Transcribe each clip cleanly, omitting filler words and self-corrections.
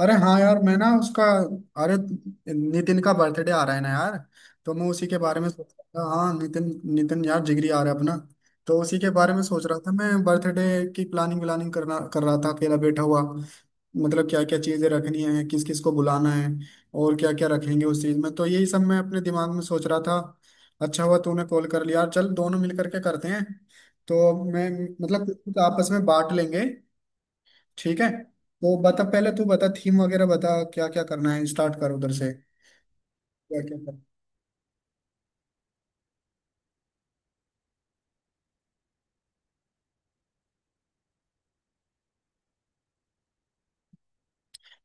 अरे हाँ यार मैं ना उसका अरे, नितिन का बर्थडे आ रहा है ना यार। तो मैं उसी के बारे में सोच रहा था। हाँ नितिन, नितिन यार जिगरी आ रहा है अपना। तो उसी के बारे में सोच रहा था मैं, बर्थडे की प्लानिंग व्लानिंग करना कर रहा था अकेला बैठा हुआ। मतलब क्या क्या चीजें रखनी है, किस किस को बुलाना है और क्या क्या रखेंगे उस चीज में, तो यही सब मैं अपने दिमाग में सोच रहा था। अच्छा हुआ तूने कॉल कर लिया यार, चल दोनों मिल करके करते हैं। तो मैं मतलब कुछ कुछ आपस में बांट लेंगे। ठीक है, तो बता, पहले तू बता, थीम वगैरह बता, क्या क्या करना है, स्टार्ट कर उधर से। क्या क्या कर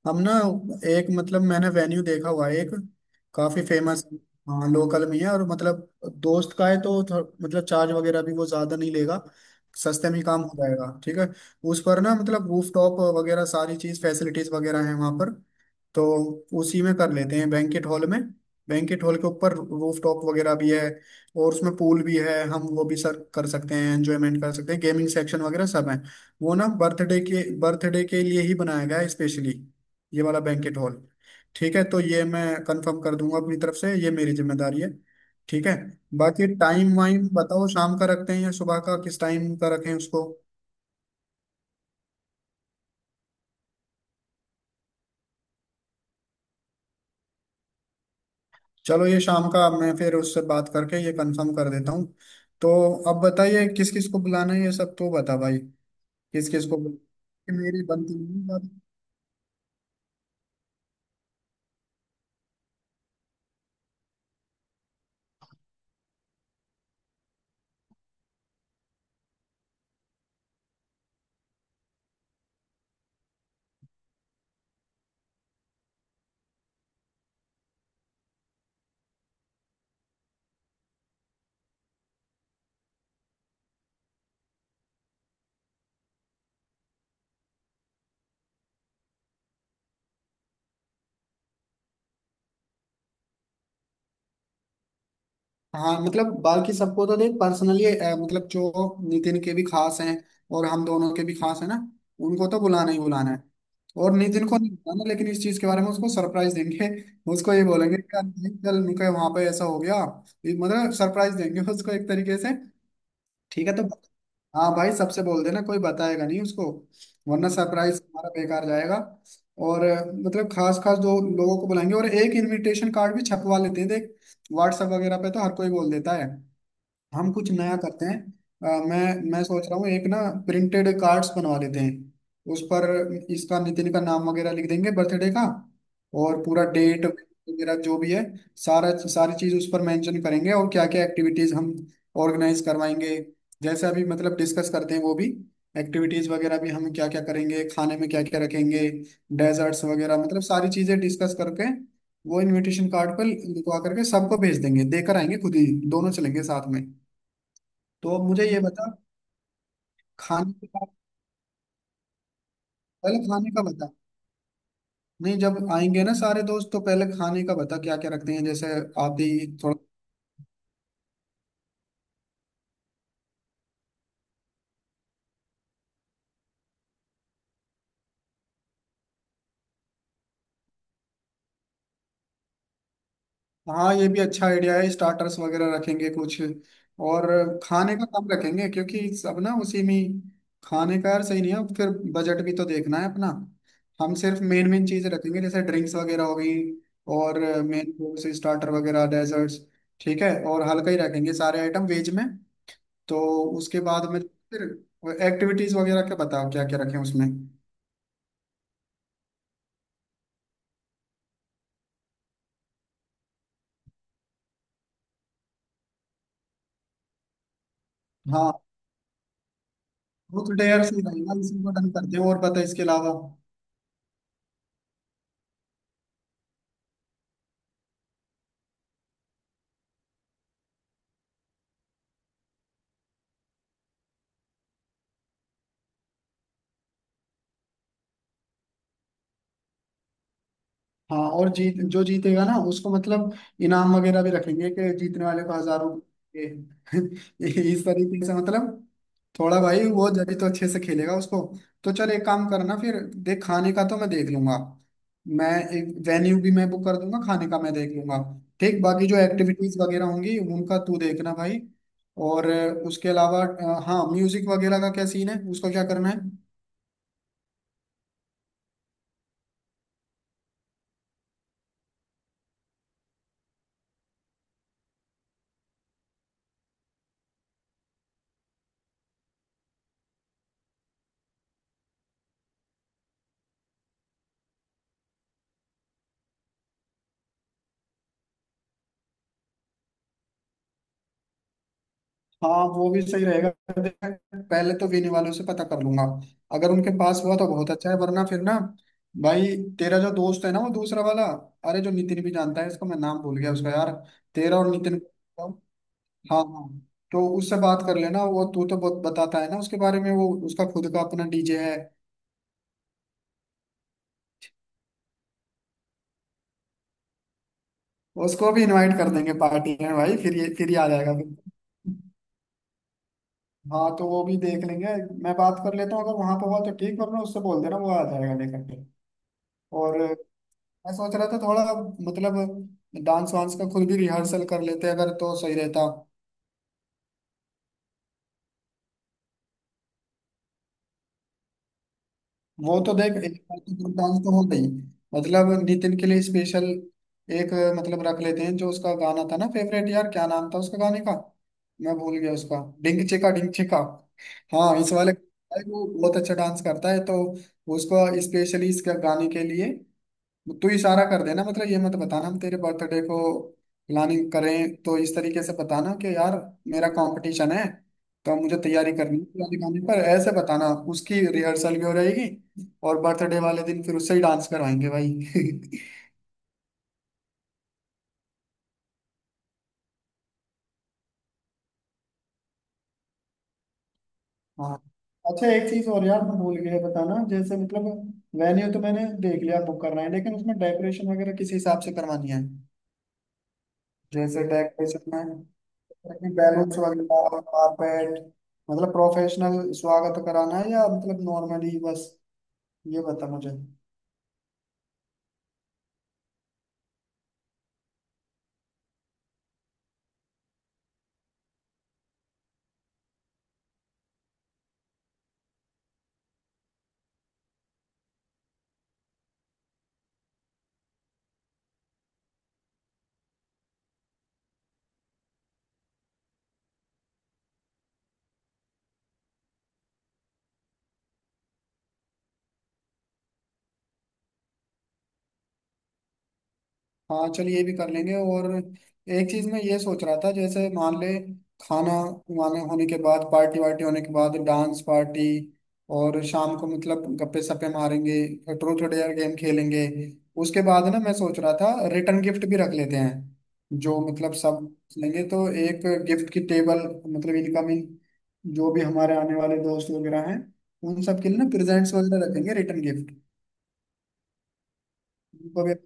हम ना एक, मतलब मैंने वेन्यू देखा हुआ है एक, काफी फेमस। हाँ लोकल में है और मतलब दोस्त का है तो मतलब चार्ज वगैरह भी वो ज्यादा नहीं लेगा, सस्ते में ही काम हो जाएगा। ठीक है, उस पर ना मतलब रूफ टॉप वगैरह सारी चीज फैसिलिटीज वगैरह है वहाँ पर, तो उसी में कर लेते हैं, बैंकेट हॉल में। बैंकेट हॉल के ऊपर रूफ टॉप वगैरह भी है, और उसमें पूल भी है, हम वो भी सर कर सकते हैं, एंजॉयमेंट कर सकते हैं, गेमिंग सेक्शन वगैरह सब है। वो ना बर्थडे के लिए ही बनाया गया है स्पेशली, ये वाला बैंकेट हॉल। ठीक है, तो ये मैं कंफर्म कर दूंगा अपनी तरफ से, ये मेरी जिम्मेदारी है। ठीक है, बाकी टाइम वाइम बताओ, शाम का रखते हैं या सुबह का, किस टाइम का रखें उसको। चलो ये शाम का, मैं फिर उससे बात करके ये कंफर्म कर देता हूँ। तो अब बताइए किस किस को बुलाना है, ये सब तो बता भाई। किस किस को बुला- कि मेरी बनती नहीं बात। हाँ मतलब बाकी सबको तो देख पर्सनली, मतलब जो नितिन के भी खास हैं और हम दोनों के भी खास है ना, उनको तो बुलाना ही बुलाना है। और नितिन को नहीं बुलाना, लेकिन इस चीज के बारे में उसको सरप्राइज देंगे। उसको ये बोलेंगे कि यार नितिन, चल उनके वहां पे ऐसा हो गया, ये मतलब सरप्राइज देंगे उसको एक तरीके से। ठीक है, तो हाँ भाई सबसे बोल देना, कोई बताएगा नहीं उसको, वरना सरप्राइज हमारा बेकार जाएगा। और मतलब खास खास दो लोगों को बुलाएंगे, और एक इनविटेशन कार्ड भी छपवा लेते हैं देख। व्हाट्सएप वगैरह पे तो हर कोई बोल देता है, हम कुछ नया करते हैं। मैं सोच रहा हूँ एक ना, प्रिंटेड कार्ड्स बनवा लेते हैं। उस पर इसका, नितिन का नाम वगैरह लिख देंगे, बर्थडे का और पूरा डेट वगैरह जो भी है, सारा सारी चीज उस पर मेंशन करेंगे। और क्या क्या एक्टिविटीज हम ऑर्गेनाइज करवाएंगे, जैसे अभी मतलब डिस्कस करते हैं वो भी, एक्टिविटीज वगैरह भी हम क्या क्या करेंगे, खाने में क्या क्या रखेंगे, डेजर्ट्स वगैरह, मतलब सारी चीजें डिस्कस करके वो इनविटेशन कार्ड पर लिखवा करके सबको भेज देंगे, देकर आएंगे खुद ही, दोनों चलेंगे साथ में। तो अब मुझे ये बता, खाने के बाद, पहले खाने का बता। नहीं, जब आएंगे ना सारे दोस्त, तो पहले खाने का बता क्या क्या रखते हैं, जैसे आप ही थोड़ा। हाँ, ये भी अच्छा आइडिया है, स्टार्टर्स वगैरह रखेंगे कुछ, और खाने का कम रखेंगे क्योंकि सब ना खाने का यार सही नहीं है फिर, बजट भी तो देखना है अपना। हम सिर्फ मेन मेन चीजें रखेंगे, जैसे ड्रिंक्स वगैरह हो गई, और मेन कोर्स, स्टार्टर वगैरह, डेजर्ट्स। ठीक है, और हल्का ही रखेंगे सारे आइटम, वेज में। तो उसके बाद में फिर एक्टिविटीज वगैरह का बताओ क्या क्या रखें उसमें। हाँ, बुक डेयर से ही रहेगा, इसी को डन करते हैं, और बता इसके अलावा। हाँ और जीत, जो जीतेगा ना उसको मतलब इनाम वगैरह भी रखेंगे, कि जीतने वाले को हजारों के इस तरीके से मतलब, थोड़ा भाई वो जब तो अच्छे से खेलेगा उसको। तो चल एक काम करना फिर, देख खाने का तो मैं देख लूंगा, मैं एक वेन्यू भी मैं बुक कर दूंगा, खाने का मैं देख लूंगा, ठीक। बाकी जो एक्टिविटीज वगैरह होंगी उनका तू देखना भाई। और उसके अलावा हाँ म्यूजिक वगैरह का क्या सीन है, उसका क्या करना है। हाँ वो भी सही रहेगा, देख, पहले तो वेन्यू वालों से पता कर लूंगा, अगर उनके पास हुआ तो बहुत अच्छा है, वरना फिर ना भाई, तेरा जो दोस्त है ना वो दूसरा वाला, अरे जो नितिन भी जानता है इसको, मैं नाम भूल गया उसका यार, तेरा और नितिन को-, हाँ हाँ, तो उससे बात कर लेना, वो तू तो बहुत बताता है ना उसके बारे में, वो उसका खुद का अपना डीजे है। उसको भी इनवाइट कर देंगे पार्टी में भाई, फिर ये आ जाएगा फिर। हाँ तो वो भी देख लेंगे, मैं बात कर लेता हूँ, अगर वहां पर हुआ तो ठीक, वरना उससे बोल देना वो आ जाएगा लेकर के। और मैं सोच रहा था थोड़ा, मतलब डांस वांस का खुद भी रिहर्सल कर लेते अगर तो सही रहता। वो तो देख, एक बार तो ग्रुप डांस तो हो गई, मतलब नितिन के लिए स्पेशल एक मतलब रख लेते हैं, जो उसका गाना था ना फेवरेट, यार क्या नाम था उसका गाने का, मैं भूल गया उसका, डिंग चिका डिंग चिका। हाँ इस वाले, भाई वो बहुत अच्छा डांस करता है, तो उसको स्पेशली इस गाने के लिए तू इशारा कर देना, मतलब ये मत बताना हम तेरे बर्थडे को प्लानिंग करें, तो इस तरीके से बताना कि यार मेरा कंपटीशन है, तो मुझे तैयारी करनी है, गाने गाने पर ऐसे बताना। उसकी रिहर्सल भी हो जाएगी, और बर्थडे वाले दिन फिर उससे ही डांस करवाएंगे भाई। हाँ, अच्छा एक चीज और यार मैं भूल गया बताना, जैसे मतलब वेन्यू तो मैंने देख लिया, बुक करना है, लेकिन उसमें डेकोरेशन वगैरह किस हिसाब से करवानी है। जैसे डेकोरेशन में भी बैलून्स वगैरह और कारपेट, मतलब प्रोफेशनल स्वागत कराना है या मतलब नॉर्मली बस, ये बता मुझे। हाँ चलिए ये भी कर लेंगे, और एक चीज मैं ये सोच रहा था, जैसे मान ले, खाना वाना होने के बाद, पार्टी वार्टी होने के बाद, डांस पार्टी, और शाम को मतलब गप्पे सप्पे मारेंगे, ट्रूथ और डेयर गेम खेलेंगे। उसके बाद ना मैं सोच रहा था रिटर्न गिफ्ट भी रख लेते हैं, जो मतलब सब लेंगे, तो एक गिफ्ट की टेबल, मतलब इनकमिंग जो भी हमारे आने वाले दोस्त वगैरह हैं, उन सब के लिए ना प्रेजेंट्स वगैरह रखेंगे, रिटर्न गिफ्ट।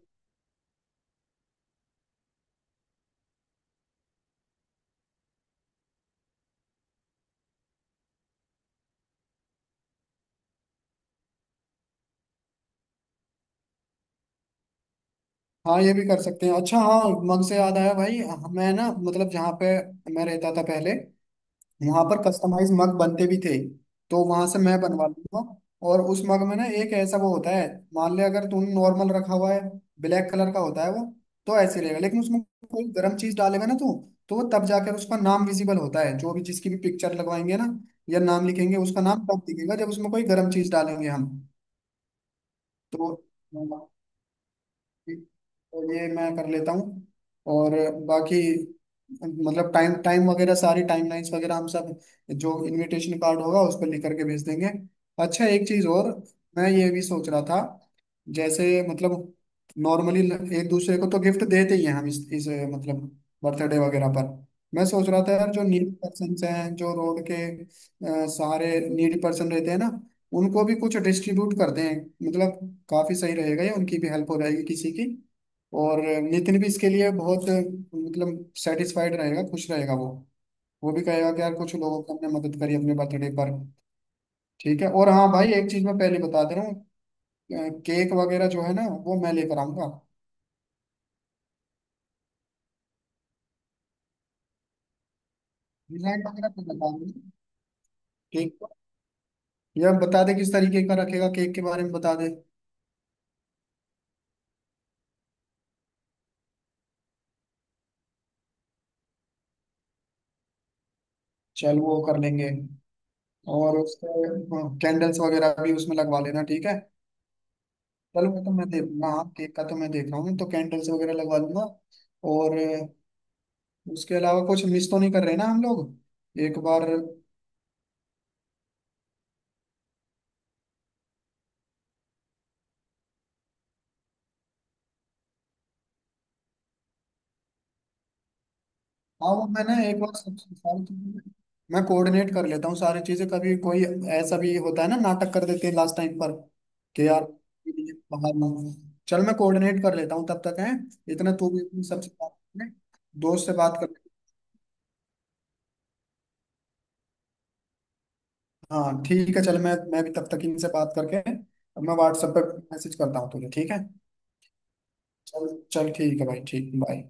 हाँ ये भी कर सकते हैं अच्छा, हाँ मग से याद आया भाई, मैं ना मतलब जहाँ पे मैं रहता था पहले, वहां पर कस्टमाइज मग बनते भी थे, तो वहां से मैं बनवा लूंगा। और उस मग में ना एक ऐसा वो होता है, मान ले अगर तूने नॉर्मल रखा हुआ है, ब्लैक कलर का होता है वो, तो ऐसे रहेगा, लेकिन उसमें कोई गर्म चीज डालेगा ना तू, तो वो तब जाकर उसका नाम विजिबल होता है, जो भी जिसकी भी पिक्चर लगवाएंगे ना या नाम लिखेंगे, उसका नाम तब दिखेगा जब उसमें कोई गर्म चीज डालेंगे हम। तो तो ये मैं कर लेता हूँ, और बाकी मतलब टाइम टाइम वगैरह, सारी टाइमलाइंस वगैरह हम सब जो इनविटेशन कार्ड होगा उस पर लिख करके भेज देंगे। अच्छा एक चीज़ और, मैं ये भी सोच रहा था, जैसे मतलब नॉर्मली एक दूसरे को तो गिफ्ट देते ही हैं हम इस मतलब बर्थडे वगैरह पर। मैं सोच रहा था यार, जो नीड पर्सन हैं जो रोड के, सारे नीड पर्सन रहते हैं ना, उनको भी कुछ डिस्ट्रीब्यूट कर दें, मतलब काफी सही रहेगा ये, उनकी भी हेल्प हो जाएगी किसी की। और नितिन भी इसके लिए बहुत मतलब सेटिस्फाइड रहेगा, खुश रहेगा वो भी कहेगा कि यार कुछ लोगों को हमने मदद करी अपने बर्थडे पर। ठीक है, और हाँ भाई एक चीज मैं पहले बता दे रहा हूँ, अ, केक वगैरह जो है ना वो मैं लेकर आऊंगा। डिजाइन वगैरह तो बता दें केक का। या बता दे किस तरीके का रखेगा, केक के बारे में बता दे। चल वो कर लेंगे, और उसके कैंडल्स वगैरह भी उसमें लगवा लेना, ठीक है। चलो, मैं तो मैं देखूंगा, हाँ केक का तो मैं देख रहा हूँ, तो कैंडल्स वगैरह लगवा लूंगा। और उसके अलावा कुछ मिस तो नहीं कर रहे ना हम लोग एक बार। हाँ वो मैं ना एक बार सब सारी चीजें मैं कोऑर्डिनेट कर लेता हूँ, सारी चीजें कभी कोई ऐसा भी होता है ना, नाटक कर देते हैं लास्ट टाइम पर, कि यार ये बाहर ना हो। चल मैं कोऑर्डिनेट कर लेता हूँ तब तक है, इतना तू भी अपनी सबसे बात कर ले, दोस्त से बात कर। हाँ ठीक है, चल मैं भी तब तक इनसे बात करके, अब मैं व्हाट्सएप पे मैसेज करता हूँ तुझे, ठीक है। चल चल ठीक है भाई, ठीक बाय।